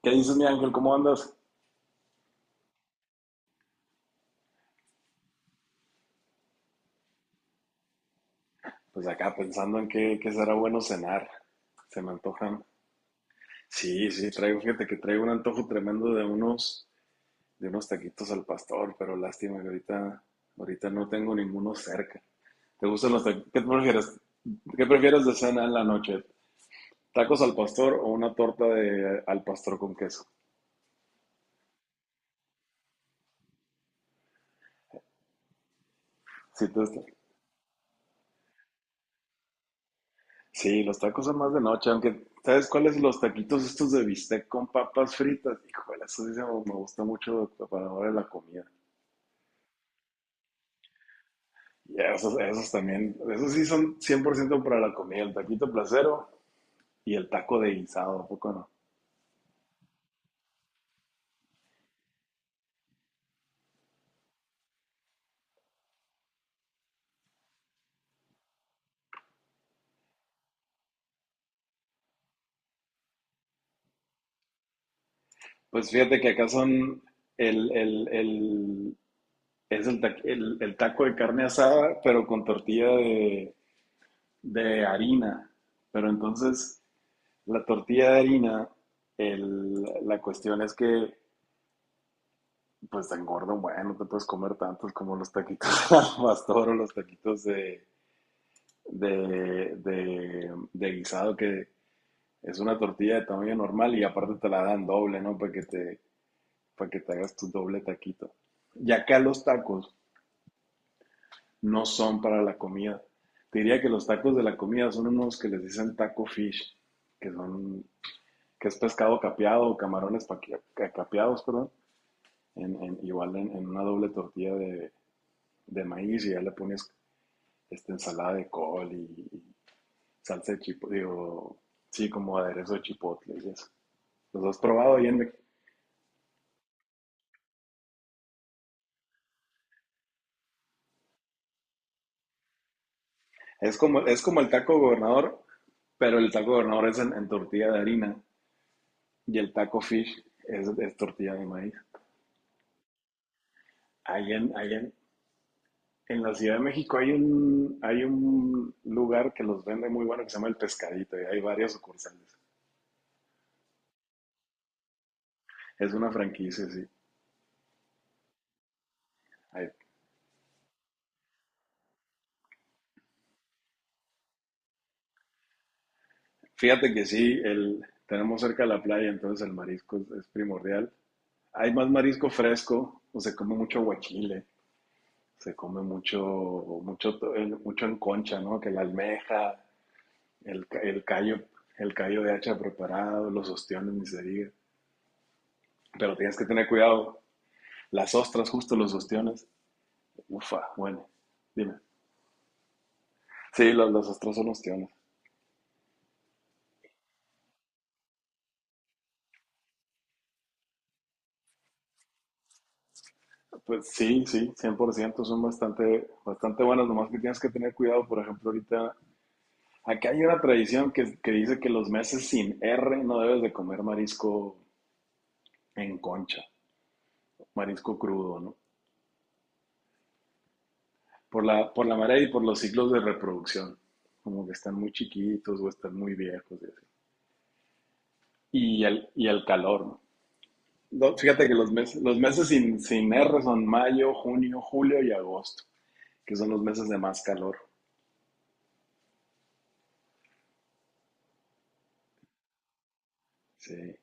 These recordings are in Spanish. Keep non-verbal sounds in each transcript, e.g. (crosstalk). ¿Qué dices, mi ángel? ¿Cómo andas? Pues acá pensando en qué será bueno cenar. Se me antojan. Sí, sí, fíjate que traigo un antojo tremendo de unos taquitos al pastor, pero lástima que ahorita no tengo ninguno cerca. ¿Te gustan los taquitos? ¿Qué prefieres? ¿Qué prefieres de cena en la noche? ¿Tacos al pastor o una torta de al pastor con queso? Sí, tú estás- sí, los tacos son más de noche, aunque ¿sabes cuáles? Los taquitos estos de bistec con papas fritas. Híjole, eso sí se me gusta mucho para ahora la comida. Ya, esos también, esos sí son 100% para la comida, el taquito placero y el taco de guisado, ¿a poco no? Pues fíjate que acá son el, es el, ta- el taco de carne asada, pero con tortilla de harina. Pero entonces, la tortilla de harina, la cuestión es que, pues te engorda, bueno, no te puedes comer tantos como los taquitos (laughs) al pastor o los taquitos de guisado que, es una tortilla de tamaño normal y aparte te la dan doble, ¿no? Para que te hagas tu doble taquito. Y acá los tacos no son para la comida. Te diría que los tacos de la comida son unos que les dicen taco fish, que son, que es pescado capeado o camarones capeados, perdón, igual en una doble tortilla de maíz y ya le pones esta ensalada de col y salsa de chipotle, digo, sí, como aderezo de chipotle y eso. ¿Los has probado ahí en es como el taco gobernador, pero el taco gobernador es en tortilla de harina y el taco fish es tortilla de maíz. Ahí en la Ciudad de México hay un lugar que los vende muy bueno que se llama El Pescadito y hay varias sucursales. Es una franquicia, sí. Hay- fíjate que sí, el, tenemos cerca la playa, entonces el marisco es primordial. Hay más marisco fresco, o se come mucho guachile, se come mucho, mucho en concha, ¿no? Que la almeja, el callo, el callo de hacha preparado, los ostiones, ni se diga. Pero tienes que tener cuidado. Las ostras, justo los ostiones. Ufa, bueno, dime. Sí, las ostras son ostiones. Pues sí, sí, 100% son bastante, bastante buenas, nomás que tienes que tener cuidado, por ejemplo, ahorita, acá hay una tradición que dice que los meses sin R no debes de comer marisco en concha, marisco crudo, ¿no? Por la marea y por los ciclos de reproducción, como que están muy chiquitos o están muy viejos. Y y el calor. No, fíjate que los meses sin R son mayo, junio, julio y agosto, que son los meses de más calor. Sí.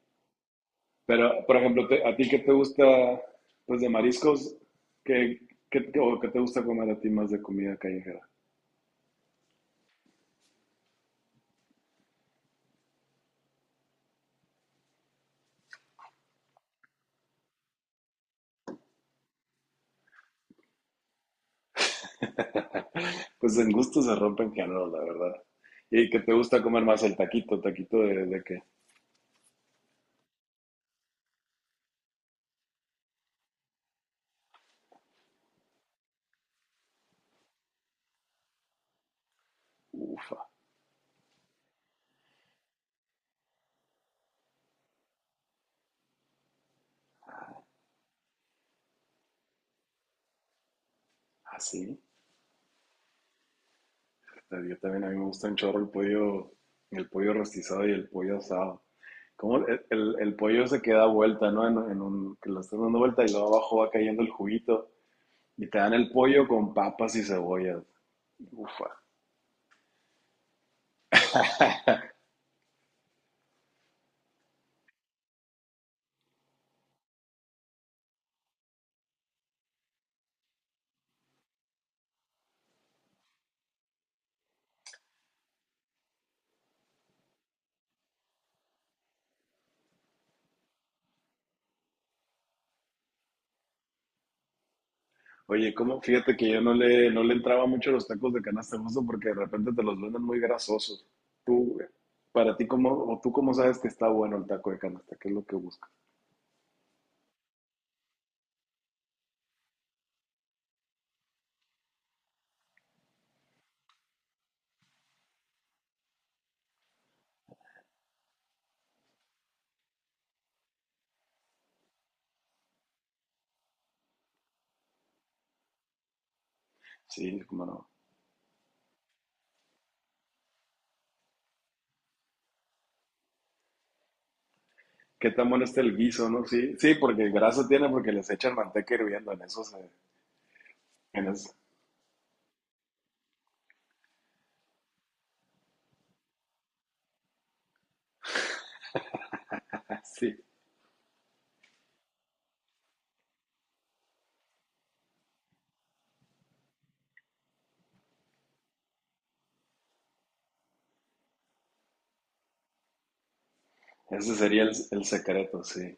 Pero, por ejemplo, te- ¿a ti qué te gusta, pues, de mariscos? ¿Qué, o qué te gusta comer a ti más de comida callejera? Pues en gusto se rompen géneros, la verdad. ¿Y qué te gusta comer más el taquito? ¿Taquito de qué? Ufa, así. Yo también, a mí me gusta un chorro el pollo rostizado y el pollo asado. Como el pollo se queda vuelta, ¿no? Que lo estás dando vuelta y luego abajo va cayendo el juguito. Y te dan el pollo con papas y cebollas. Ufa. Oye, ¿cómo? Fíjate que yo no le entraba mucho a los tacos de canasta justo porque de repente te los venden muy grasosos. Tú, para ti, ¿cómo, o tú cómo sabes que está bueno el taco de canasta? ¿Qué es lo que buscas? Sí, cómo no. ¿Qué tan bueno está el guiso, no? Sí, sí, porque grasa tiene porque les echan manteca hirviendo en eso. (laughs) Sí, ese sería el secreto, sí.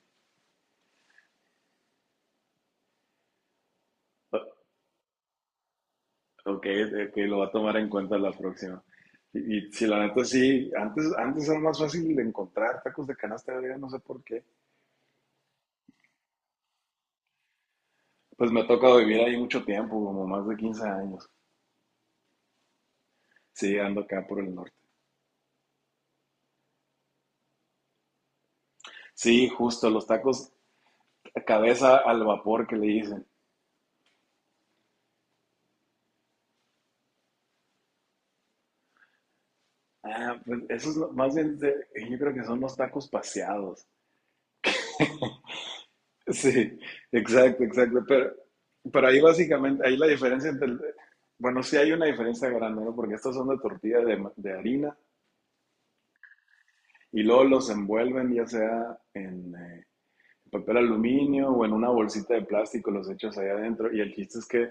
Ok, ok, lo va a tomar en cuenta la próxima. Y si la neta sí, antes era más fácil de encontrar tacos de canasta griega, no sé por qué. Pues me ha tocado vivir ahí mucho tiempo, como más de 15 años. Sí, ando acá por el norte. Sí, justo, los tacos cabeza al vapor que le dicen. Ah, pues eso es lo- más bien, de- yo creo que son los tacos paseados. (laughs) Sí, exacto, exacto. Pero ahí básicamente, ahí la diferencia entre el- bueno, sí hay una diferencia grande, ¿no? Porque estos son de tortilla de, ma- de harina. Y luego los envuelven ya sea en papel aluminio o en una bolsita de plástico, los echas ahí adentro y el chiste es que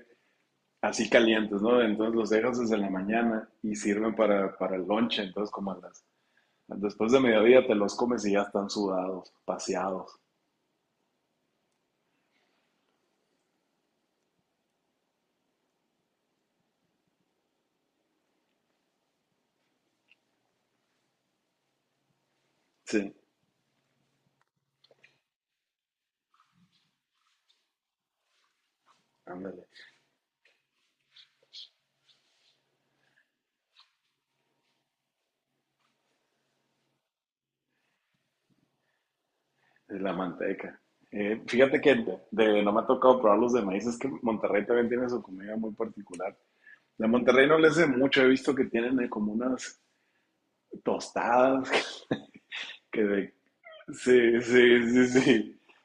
así calientes, ¿no? Entonces los dejas desde la mañana y sirven para el lonche, entonces como a las... Después de mediodía te los comes y ya están sudados, paseados. Sí, ándale, es la manteca. Fíjate que de- no me ha tocado probarlos de maíz, es que Monterrey también tiene su comida muy particular. De Monterrey no le sé mucho, he visto que tienen como unas tostadas (laughs) que de sí, sí, sí.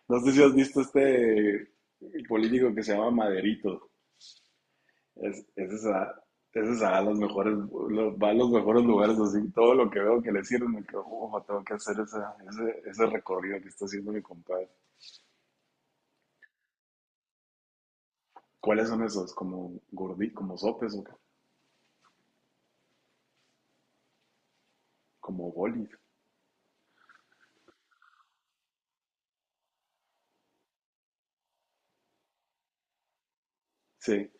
No sé si has visto este político que se llama Maderito. Es, ese se va a los mejores, los- va a los mejores lugares, así todo lo que veo que le sirve, me quedo, "Ufa, tengo que hacer esa- ese recorrido que está haciendo mi compadre". ¿Cuáles son esos? ¿Como gordi, como sopes o qué? ¿Como bolis? Sí,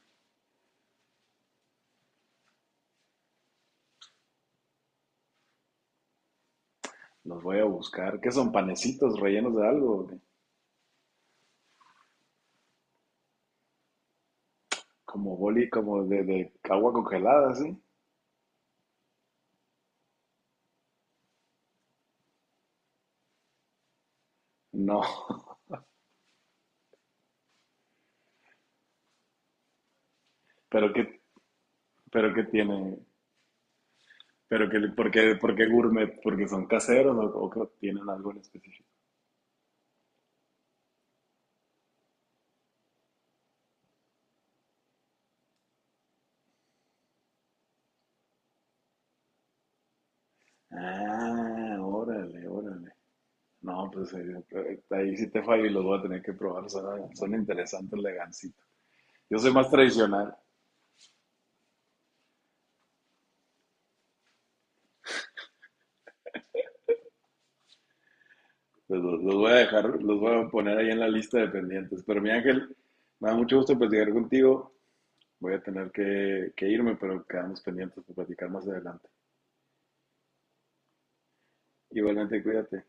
los voy a buscar. ¿Qué son? ¿Panecitos rellenos de algo? ¿O qué? Como boli, como de agua congelada, ¿sí? No, (laughs) pero ¿qué, pero qué tiene? Pero que, por qué gourmet? ¿Porque son caseros o que tienen algo en específico? Ah, órale, órale. No, pues ahí sí te fallo y los voy a tener que probar. Son, son interesantes, la Gansito. Yo soy más tradicional. Pues, los voy a dejar, los voy a poner ahí en la lista de pendientes. Pero mi Ángel, me da mucho gusto platicar contigo. Voy a tener que irme, pero quedamos pendientes para platicar más adelante. Igualmente, cuídate.